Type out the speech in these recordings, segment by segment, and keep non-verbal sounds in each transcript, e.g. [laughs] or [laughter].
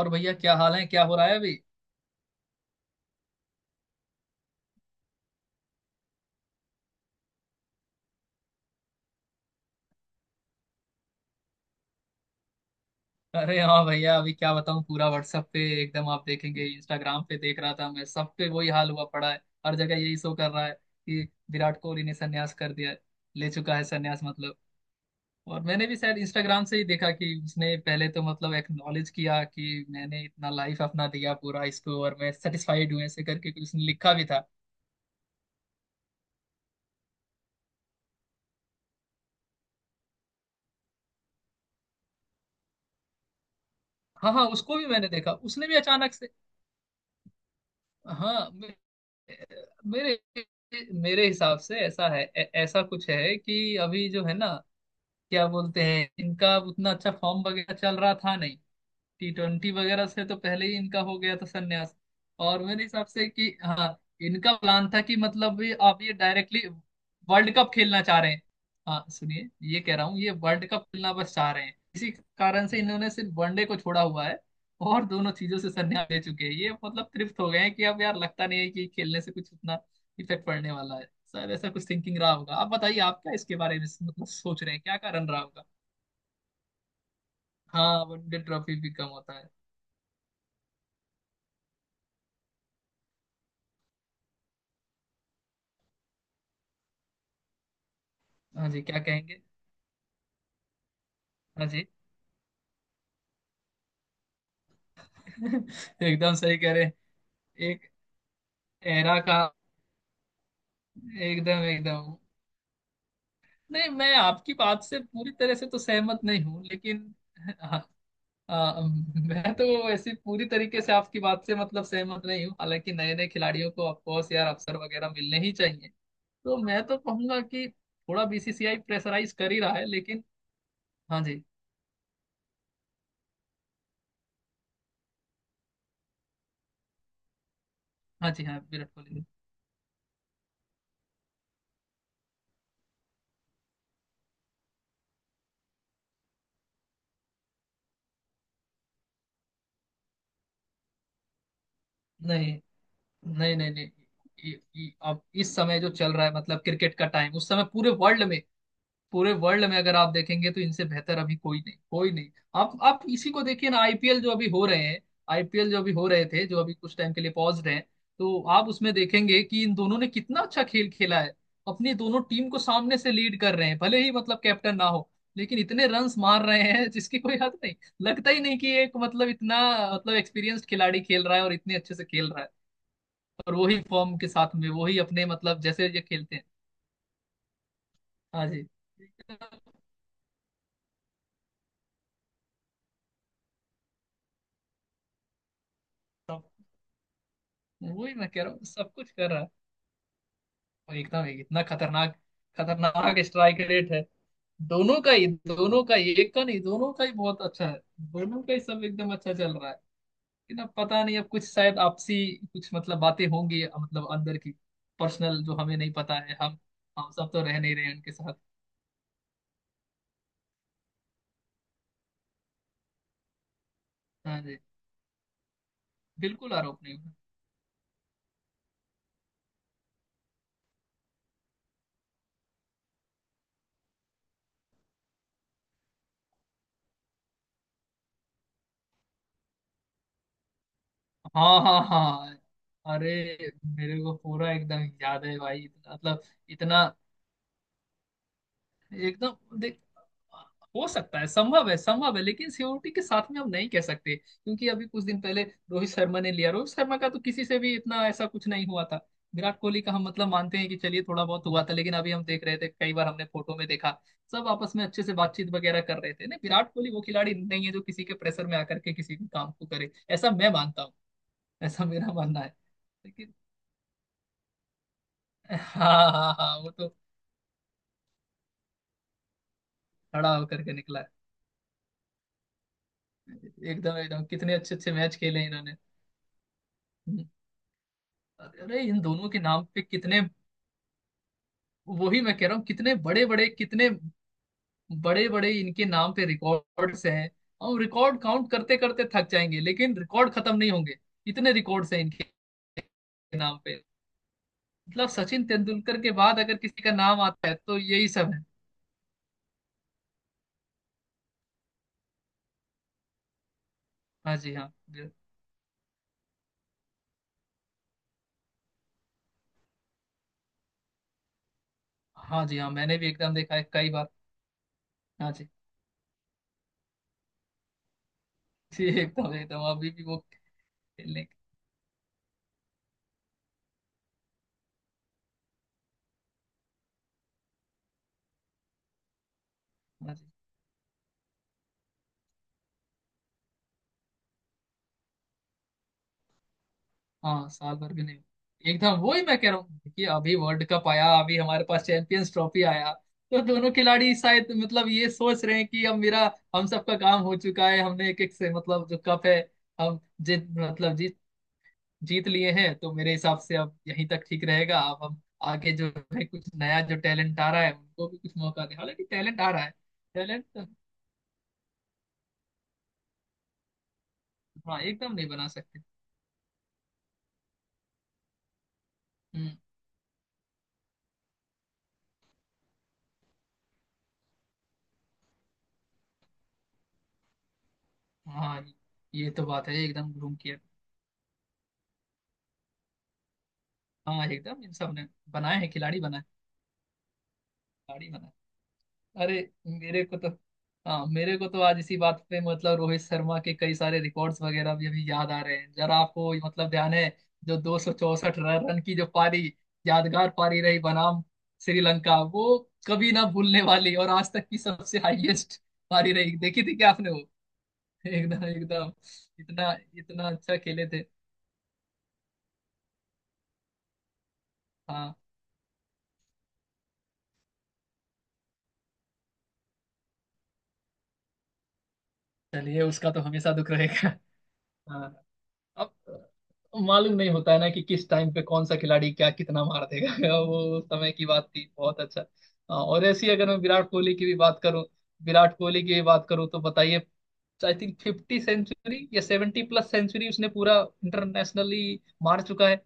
और भैया क्या हाल है? क्या हो रहा है अभी? अरे हाँ भैया, अभी क्या बताऊँ, पूरा WhatsApp पे, एकदम आप देखेंगे, इंस्टाग्राम पे देख रहा था मैं, सब पे वही हाल हुआ पड़ा है। हर जगह यही शो कर रहा है कि विराट कोहली ने संन्यास कर दिया है, ले चुका है संन्यास मतलब। और मैंने भी शायद इंस्टाग्राम से ही देखा कि उसने पहले तो मतलब एक्नॉलेज किया कि मैंने इतना लाइफ अपना दिया पूरा इसको, और मैं सेटिस्फाइड हूँ, ऐसे करके कुछ उसने लिखा भी था। हाँ हाँ, उसको भी मैंने देखा, उसने भी अचानक से। हाँ, मेरे मेरे हिसाब से ऐसा है, ऐसा कुछ है कि अभी जो है ना, क्या बोलते हैं, इनका उतना अच्छा फॉर्म वगैरह चल रहा था नहीं। T20 वगैरह से तो पहले ही इनका हो गया था संन्यास। और मेरे हिसाब से कि हाँ, इनका प्लान था कि मतलब ये आप ये डायरेक्टली वर्ल्ड कप खेलना चाह रहे हैं। हाँ सुनिए, ये कह रहा हूँ, ये वर्ल्ड कप खेलना बस चाह रहे हैं, इसी कारण से इन्होंने सिर्फ वनडे को छोड़ा हुआ है। और दोनों चीजों से संन्यास ले चुके हैं ये, मतलब तृप्त हो गए हैं कि अब यार लगता नहीं है कि खेलने से कुछ उतना इफेक्ट पड़ने वाला है। शायद ऐसा कुछ थिंकिंग रहा होगा। आप बताइए, आप क्या इसके बारे में मतलब सोच रहे हैं, क्या कारण रहा होगा। हाँ, वनडे ट्रॉफी भी कम होता है। हाँ जी, क्या कहेंगे। हाँ जी। [laughs] एकदम सही कह रहे हैं। एक एरा का, एकदम एकदम। नहीं, मैं आपकी बात से पूरी तरह से तो सहमत नहीं हूँ लेकिन हाँ, मैं तो ऐसी पूरी तरीके से आपकी बात से मतलब सहमत नहीं हूँ, हालांकि नए नए खिलाड़ियों को ऑफकोर्स यार अवसर वगैरह मिलने ही चाहिए। तो मैं तो कहूंगा कि थोड़ा बीसीसीआई प्रेशराइज कर ही रहा है लेकिन। हाँ जी, हाँ जी, हाँ विराट कोहली। नहीं नहीं नहीं नहीं। अब इस समय जो चल रहा है मतलब क्रिकेट का टाइम, उस समय पूरे वर्ल्ड में, पूरे वर्ल्ड में अगर आप देखेंगे तो इनसे बेहतर अभी कोई नहीं, कोई नहीं। आप इसी को देखिए ना, आईपीएल जो अभी हो रहे हैं, आईपीएल जो अभी हो रहे थे, जो अभी कुछ टाइम के लिए पॉज्ड हैं, तो आप उसमें देखेंगे कि इन दोनों ने कितना अच्छा खेल खेला है। अपनी दोनों टीम को सामने से लीड कर रहे हैं, भले ही मतलब कैप्टन ना हो, लेकिन इतने रन्स मार रहे हैं [laughs] जिसकी कोई हद नहीं। लगता ही नहीं कि एक मतलब इतना, मतलब एक्सपीरियंस्ड खिलाड़ी खेल रहा है और इतने अच्छे से खेल रहा है। और वही फॉर्म के साथ में वही अपने मतलब जैसे ये खेलते हैं। हाँ जी, वही मैं कह रहा हूँ, सब कुछ कर रहा है। और एकदम इतना खतरनाक, खतरनाक स्ट्राइक रेट है। दोनों का ही, दोनों का ही, एक का नहीं, दोनों का ही बहुत अच्छा है। दोनों का ही सब एकदम अच्छा चल रहा है। लेकिन अब पता नहीं, अब कुछ शायद आपसी कुछ मतलब बातें होंगी मतलब अंदर की, पर्सनल, जो हमें नहीं पता है। हम सब तो रह नहीं रहे उनके साथ। हाँ जी, बिल्कुल आरोप नहीं है। हाँ हाँ हाँ हाँ। अरे मेरे को पूरा एकदम याद है भाई, इतना- मतलब, इतना एकदम देख। हो सकता है, संभव है, संभव है, लेकिन सीओटी के साथ में हम नहीं कह सकते क्योंकि अभी कुछ दिन पहले रोहित शर्मा ने लिया, रोहित शर्मा का तो किसी से भी इतना ऐसा कुछ नहीं हुआ था। विराट कोहली का हम मतलब मानते हैं कि चलिए थोड़ा बहुत हुआ था, लेकिन अभी हम देख रहे थे, कई बार हमने फोटो में देखा सब आपस में अच्छे से बातचीत वगैरह कर रहे थे ना। विराट कोहली वो खिलाड़ी नहीं है जो किसी के प्रेशर में आकर के किसी भी काम को करे, ऐसा मैं मानता हूँ, ऐसा मेरा मानना है, लेकिन। हाँ हाँ हाँ, वो तो खड़ा होकर के निकला है। एकदम एकदम कितने अच्छे अच्छे मैच खेले इन्होंने। अरे इन दोनों के नाम पे कितने, वही मैं कह रहा हूँ कितने बड़े बड़े, कितने बड़े बड़े इनके नाम पे रिकॉर्ड्स हैं। हम रिकॉर्ड काउंट करते करते थक जाएंगे लेकिन रिकॉर्ड खत्म नहीं होंगे, इतने रिकॉर्ड्स हैं इनके नाम पे। मतलब सचिन तेंदुलकर के बाद अगर किसी का नाम आता है तो यही सब है। हाँ जी हाँ, हाँ जी हाँ, मैंने भी एकदम देखा है कई बार। हाँ जी। [laughs] जी एकदम एकदम, अभी भी वो खेलने। हाँ जी, हाँ साल भर भी नहीं। एकदम वही मैं कह रहा हूँ कि अभी वर्ल्ड कप आया, अभी हमारे पास चैंपियंस ट्रॉफी आया, तो दोनों खिलाड़ी शायद मतलब ये सोच रहे हैं कि अब मेरा, हम सबका काम हो चुका है, हमने एक एक से मतलब जो कप है, हम जीत मतलब जीत जीत लिए हैं, तो मेरे हिसाब से अब यहीं तक ठीक रहेगा। अब हम आगे जो है, कुछ नया जो टैलेंट आ रहा है, उनको भी कुछ मौका दें, हालांकि टैलेंट आ रहा है, टैलेंट। हाँ एकदम नहीं बना सकते। हम्म। हाँ ये तो बात है, एकदम घूम किया। हाँ एकदम इन सब ने बनाए हैं, खिलाड़ी बनाए हैं। खिलाड़ी बना है। अरे मेरे को तो, हाँ मेरे को तो आज इसी बात पे मतलब रोहित शर्मा के कई सारे रिकॉर्ड्स वगैरह भी अभी याद आ रहे हैं। जरा आपको मतलब ध्यान है, जो 264 रन की जो पारी, यादगार पारी रही बनाम श्रीलंका, वो कभी ना भूलने वाली और आज तक की सबसे हाईएस्ट पारी रही। देखी थी क्या आपने वो? [laughs] एकदम एकदम, इतना इतना अच्छा खेले थे। हाँ चलिए, उसका तो हमेशा दुख रहेगा। हाँ अब मालूम नहीं होता है ना कि किस टाइम पे कौन सा खिलाड़ी क्या कितना मार देगा। [laughs] वो उस समय की बात थी, बहुत अच्छा। हाँ, और ऐसी अगर मैं विराट कोहली की भी बात करूं, विराट कोहली की भी बात करूं तो बताइए, आई थिंक 50 सेंचुरी या 70+ सेंचुरी उसने पूरा इंटरनेशनली मार चुका है।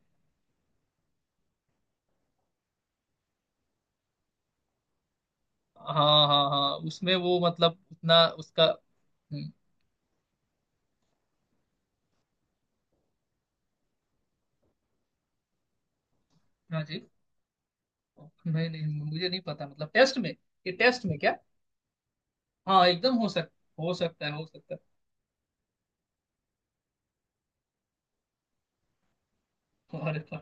हाँ हाँ हाँ, उसमें वो मतलब उतना उसका। हम्म, हाँ जी। नहीं नहीं, मुझे नहीं पता मतलब टेस्ट में, ये टेस्ट में क्या, हाँ एकदम हो सक, हो सकता है हो सकता है। अरे वाह,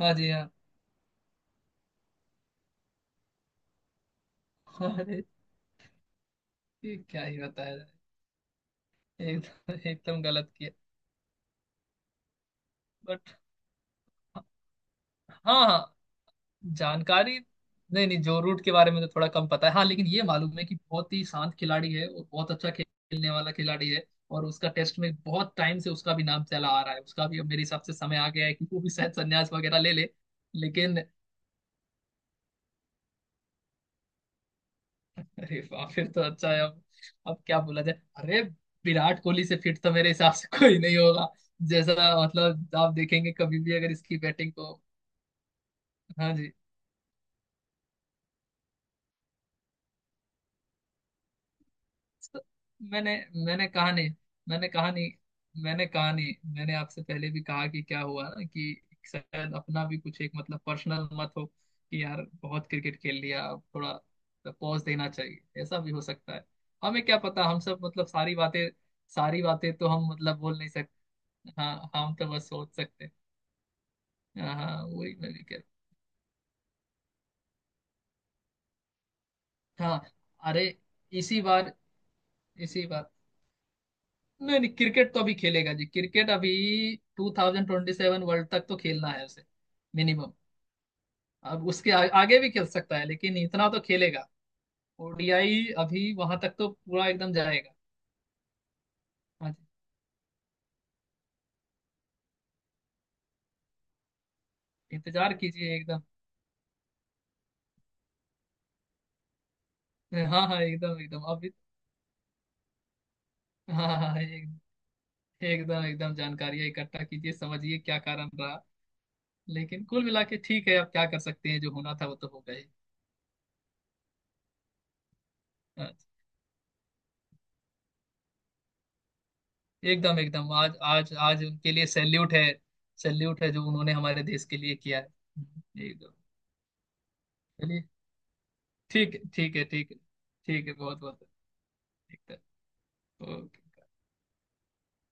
हाँ जी हाँ। अरे ये क्या ही बताया जाए। एकदम एकदम गलत किया। बट, हाँ हाँ, जानकारी, नहीं नहीं जो रूट के बारे में तो थोड़ा कम पता है हाँ, लेकिन ये मालूम है कि बहुत ही शांत खिलाड़ी है और बहुत अच्छा खेलने वाला खिलाड़ी है। और उसका टेस्ट में बहुत टाइम से उसका भी नाम चला आ रहा है, उसका भी अब मेरे हिसाब से समय आ गया है कि वो भी शायद संन्यास वगैरह ले ले, लेकिन। अरे वाह, फिर तो अच्छा है। अब क्या बोला जाए, अरे विराट कोहली से फिट तो मेरे हिसाब से कोई नहीं होगा। जैसा, मतलब आप देखेंगे कभी भी अगर इसकी बैटिंग को। हाँ तो, मैंने मैंने कहा नहीं, मैंने कहा नहीं, मैंने कहा नहीं, मैंने आपसे पहले भी कहा कि क्या हुआ ना कि शायद अपना भी कुछ एक मतलब पर्सनल मत हो कि यार बहुत क्रिकेट खेल लिया, अब थोड़ा पॉज देना चाहिए, ऐसा भी हो सकता है। हमें क्या पता, हम सब मतलब सारी बातें, सारी बातें तो हम मतलब बोल नहीं सकते। हाँ हम तो बस सोच सकते हैं। हाँ हाँ, वही मैं भी कह रहा हूँ। हाँ अरे, इसी बार इसी बार नहीं नहीं, क्रिकेट तो अभी खेलेगा जी, क्रिकेट अभी 2027 वर्ल्ड तक तो खेलना है उसे, मिनिमम। अब उसके आगे भी खेल सकता है लेकिन इतना तो खेलेगा। ओडीआई अभी वहां तक तो पूरा एकदम जाएगा। हाँ जी, इंतजार कीजिए एकदम। हाँ हाँ एकदम एकदम अभी, हाँ हाँ हाँ, एक, एकदम एकदम जानकारियां इकट्ठा कीजिए, समझिए क्या कारण रहा। लेकिन कुल मिला के ठीक है, अब क्या कर सकते हैं, जो होना था वो तो हो गए। एकदम एकदम, आज आज आज उनके लिए सैल्यूट है, सैल्यूट है जो उन्होंने हमारे देश के लिए किया है। एकदम। चलिए। ठीक है ठीक है ठीक है, ठीक है बहुत बहुत, ठीक है, ओके।